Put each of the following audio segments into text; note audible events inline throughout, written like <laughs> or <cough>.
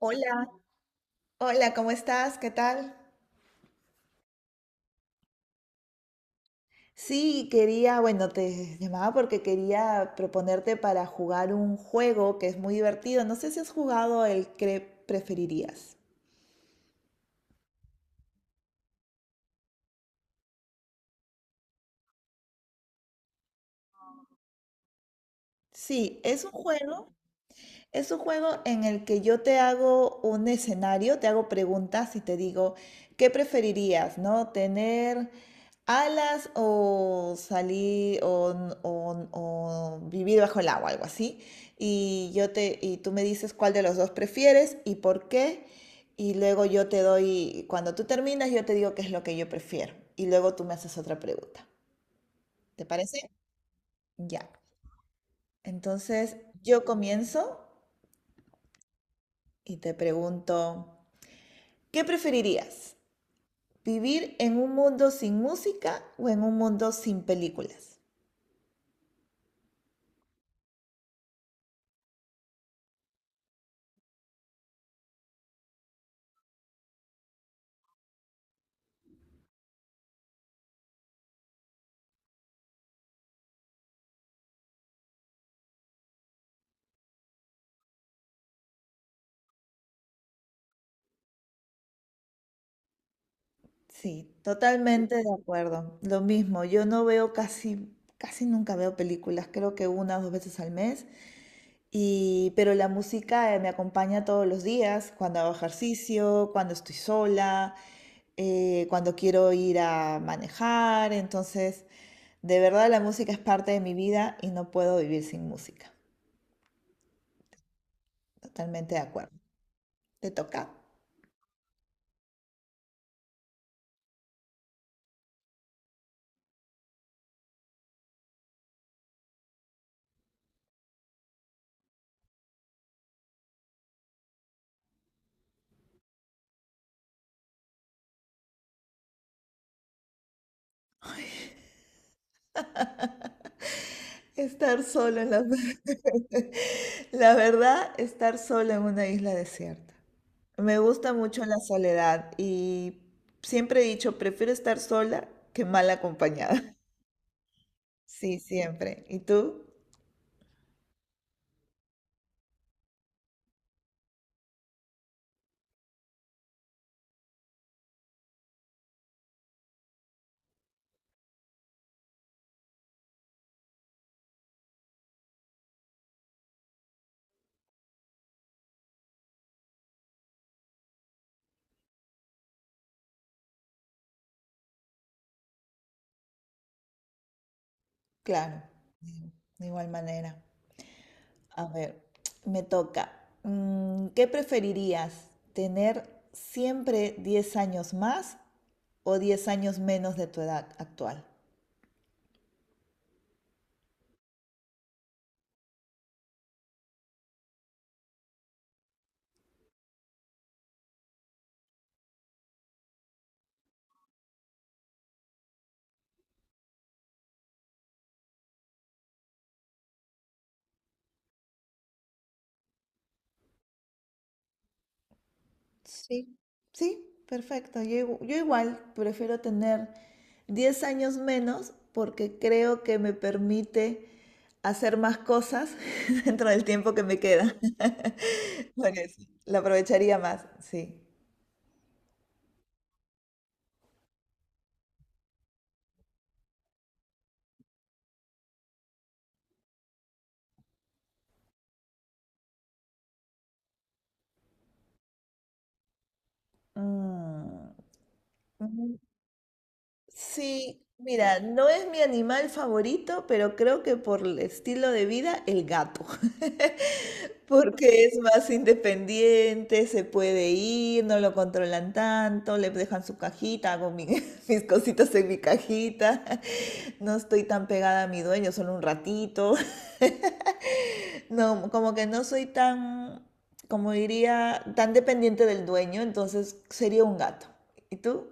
Hola, hola, ¿cómo estás? ¿Qué tal? Sí, quería, bueno, te llamaba porque quería proponerte para jugar un juego que es muy divertido. No sé si has jugado el que preferirías. Sí, es un juego. Es un juego en el que yo te hago un escenario, te hago preguntas y te digo, ¿qué preferirías, no? ¿Tener alas o salir o vivir bajo el agua, algo así? Y yo te y tú me dices cuál de los dos prefieres y por qué. Y luego yo te doy, cuando tú terminas, yo te digo qué es lo que yo prefiero. Y luego tú me haces otra pregunta. ¿Te parece? Ya. Entonces, yo comienzo y te pregunto, ¿qué preferirías? ¿Vivir en un mundo sin música o en un mundo sin películas? Sí, totalmente de acuerdo. Lo mismo, yo no veo casi nunca veo películas, creo que una o dos veces al mes. Y, pero la música me acompaña todos los días, cuando hago ejercicio, cuando estoy sola, cuando quiero ir a manejar. Entonces, de verdad la música es parte de mi vida y no puedo vivir sin música. Totalmente de acuerdo. ¿Te toca? Estar solo en la... <laughs> La verdad, estar solo en una isla desierta. Me gusta mucho la soledad y siempre he dicho, prefiero estar sola que mal acompañada. <laughs> Sí, siempre. ¿Y tú? Claro, de de igual manera. A ver, me toca. ¿Qué preferirías? ¿Tener siempre 10 años más o 10 años menos de tu edad actual? Sí, sí, perfecto. Yo igual prefiero tener 10 años menos porque creo que me permite hacer más cosas <laughs> dentro del tiempo que me queda. <laughs> Por eso, lo aprovecharía más, sí. Mm, mm, sí, mira, no es mi animal favorito, pero creo que por el estilo de vida, el gato. <laughs> Porque es más independiente, se puede ir, no lo controlan tanto, le dejan su cajita, <laughs> mis cositas en mi cajita, <laughs> no estoy tan pegada a mi dueño, solo un ratito, <laughs> no, como que no soy tan, como diría, tan dependiente del dueño, entonces sería un gato. ¿Y tú?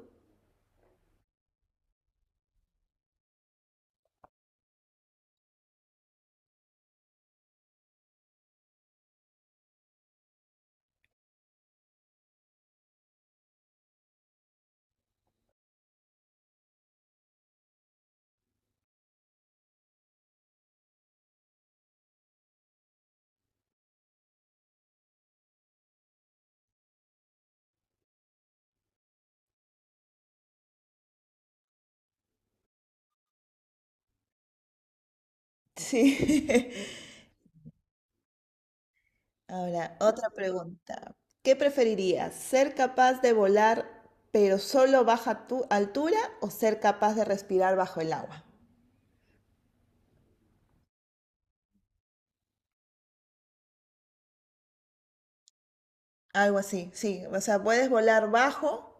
Sí. <laughs> Ahora, otra pregunta. ¿Qué preferirías? ¿Ser capaz de volar pero solo baja tu altura o ser capaz de respirar bajo el agua? Algo así, sí. O sea, puedes volar bajo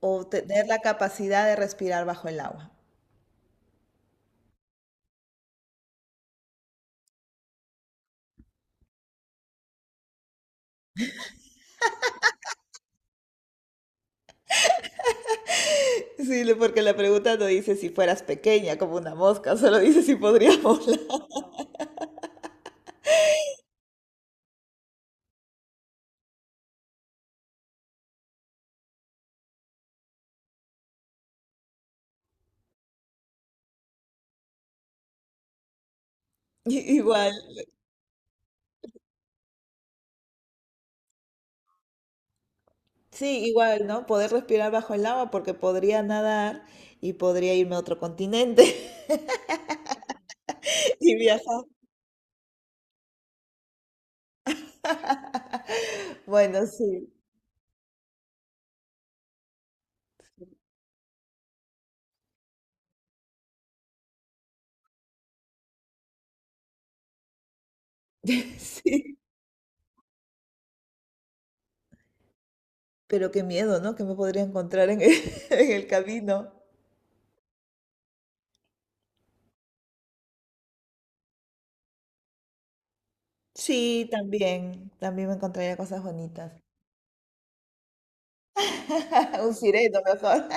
o tener la capacidad de respirar bajo el agua. Porque la pregunta no dice si fueras pequeña como una mosca, solo dice si podrías volar. <laughs> Igual. Sí, igual, ¿no? Poder respirar bajo el agua porque podría nadar y podría irme a otro continente <laughs> y viajar. <laughs> Bueno, sí. <laughs> Sí, pero qué miedo, ¿no? Que me podría encontrar <laughs> en el camino. Sí, también. También me encontraría cosas bonitas. <laughs> Un sireno mejor.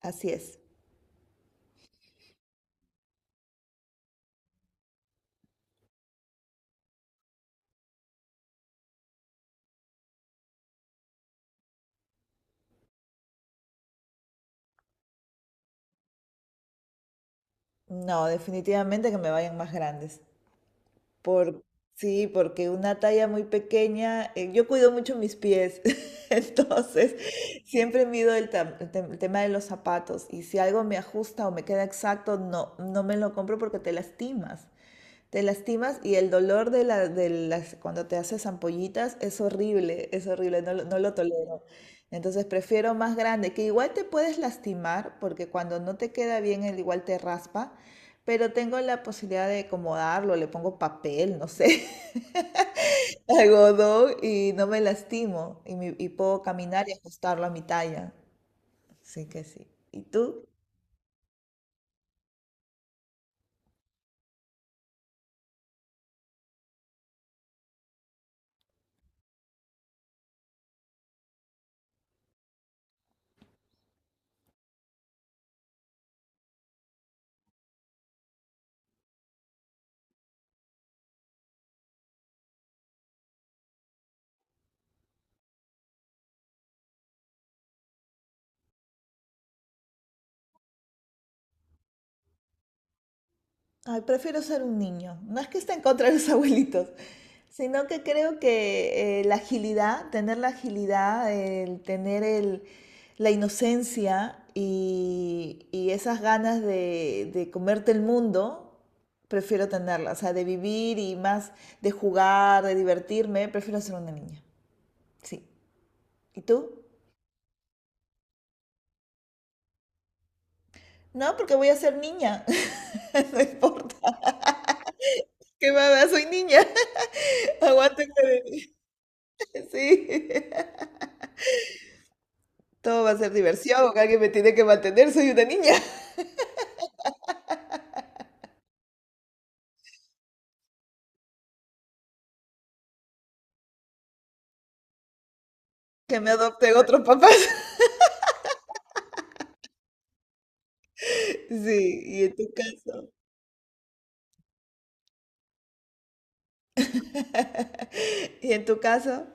<laughs> Así es. No, definitivamente que me vayan más grandes. Por, sí, porque una talla muy pequeña, yo cuido mucho mis pies, <laughs> entonces siempre mido el tema de los zapatos y si algo me ajusta o me queda exacto, no me lo compro porque te lastimas. Te lastimas y el de las, cuando te haces ampollitas es horrible, no lo tolero. Entonces prefiero más grande, que igual te puedes lastimar, porque cuando no te queda bien, el igual te raspa, pero tengo la posibilidad de acomodarlo, le pongo papel, no sé, <laughs> algodón y no me lastimo y, me- y puedo caminar y ajustarlo a mi talla. Así que sí. ¿Y tú? Ay, prefiero ser un niño. No es que esté en contra de los <laughs> abuelitos, sino que creo que tener la agilidad, la inocencia y esas ganas de comerte el mundo, prefiero tenerla. O sea, de vivir y más de jugar, de divertirme, prefiero ser una niña. Sí. ¿Y tú? No, porque voy a ser niña. <laughs> No importa. ¿Qué mamá? Soy niña. <laughs> Aguántenme. <laughs> Sí. Todo va a ser diversión, alguien me tiene que mantener, soy una niña. <laughs> Que me adopten otros papás. <laughs> Sí, y en tu caso. <laughs> Y en tu caso.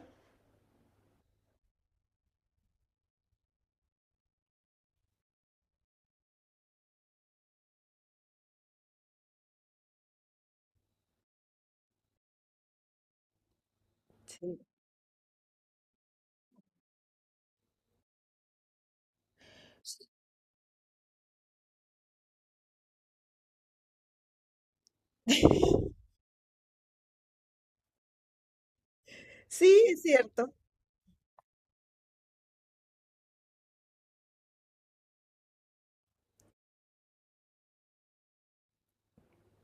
Sí. Sí, es cierto.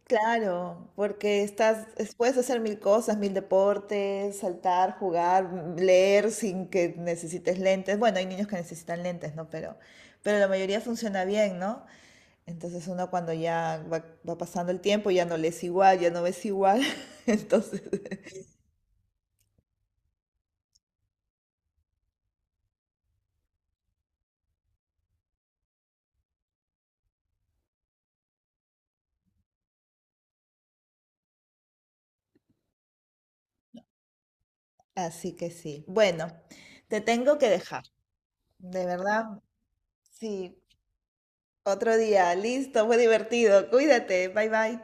Claro, porque puedes hacer mil cosas, mil deportes, saltar, jugar, leer sin que necesites lentes. Bueno, hay niños que necesitan lentes, ¿no? Pero la mayoría funciona bien, ¿no? Entonces uno cuando va pasando el tiempo ya no lees igual, ya no ves igual. <laughs> Entonces así que sí. Bueno, te tengo que dejar. De verdad, sí. Otro día. Listo, fue divertido. Cuídate. Bye bye.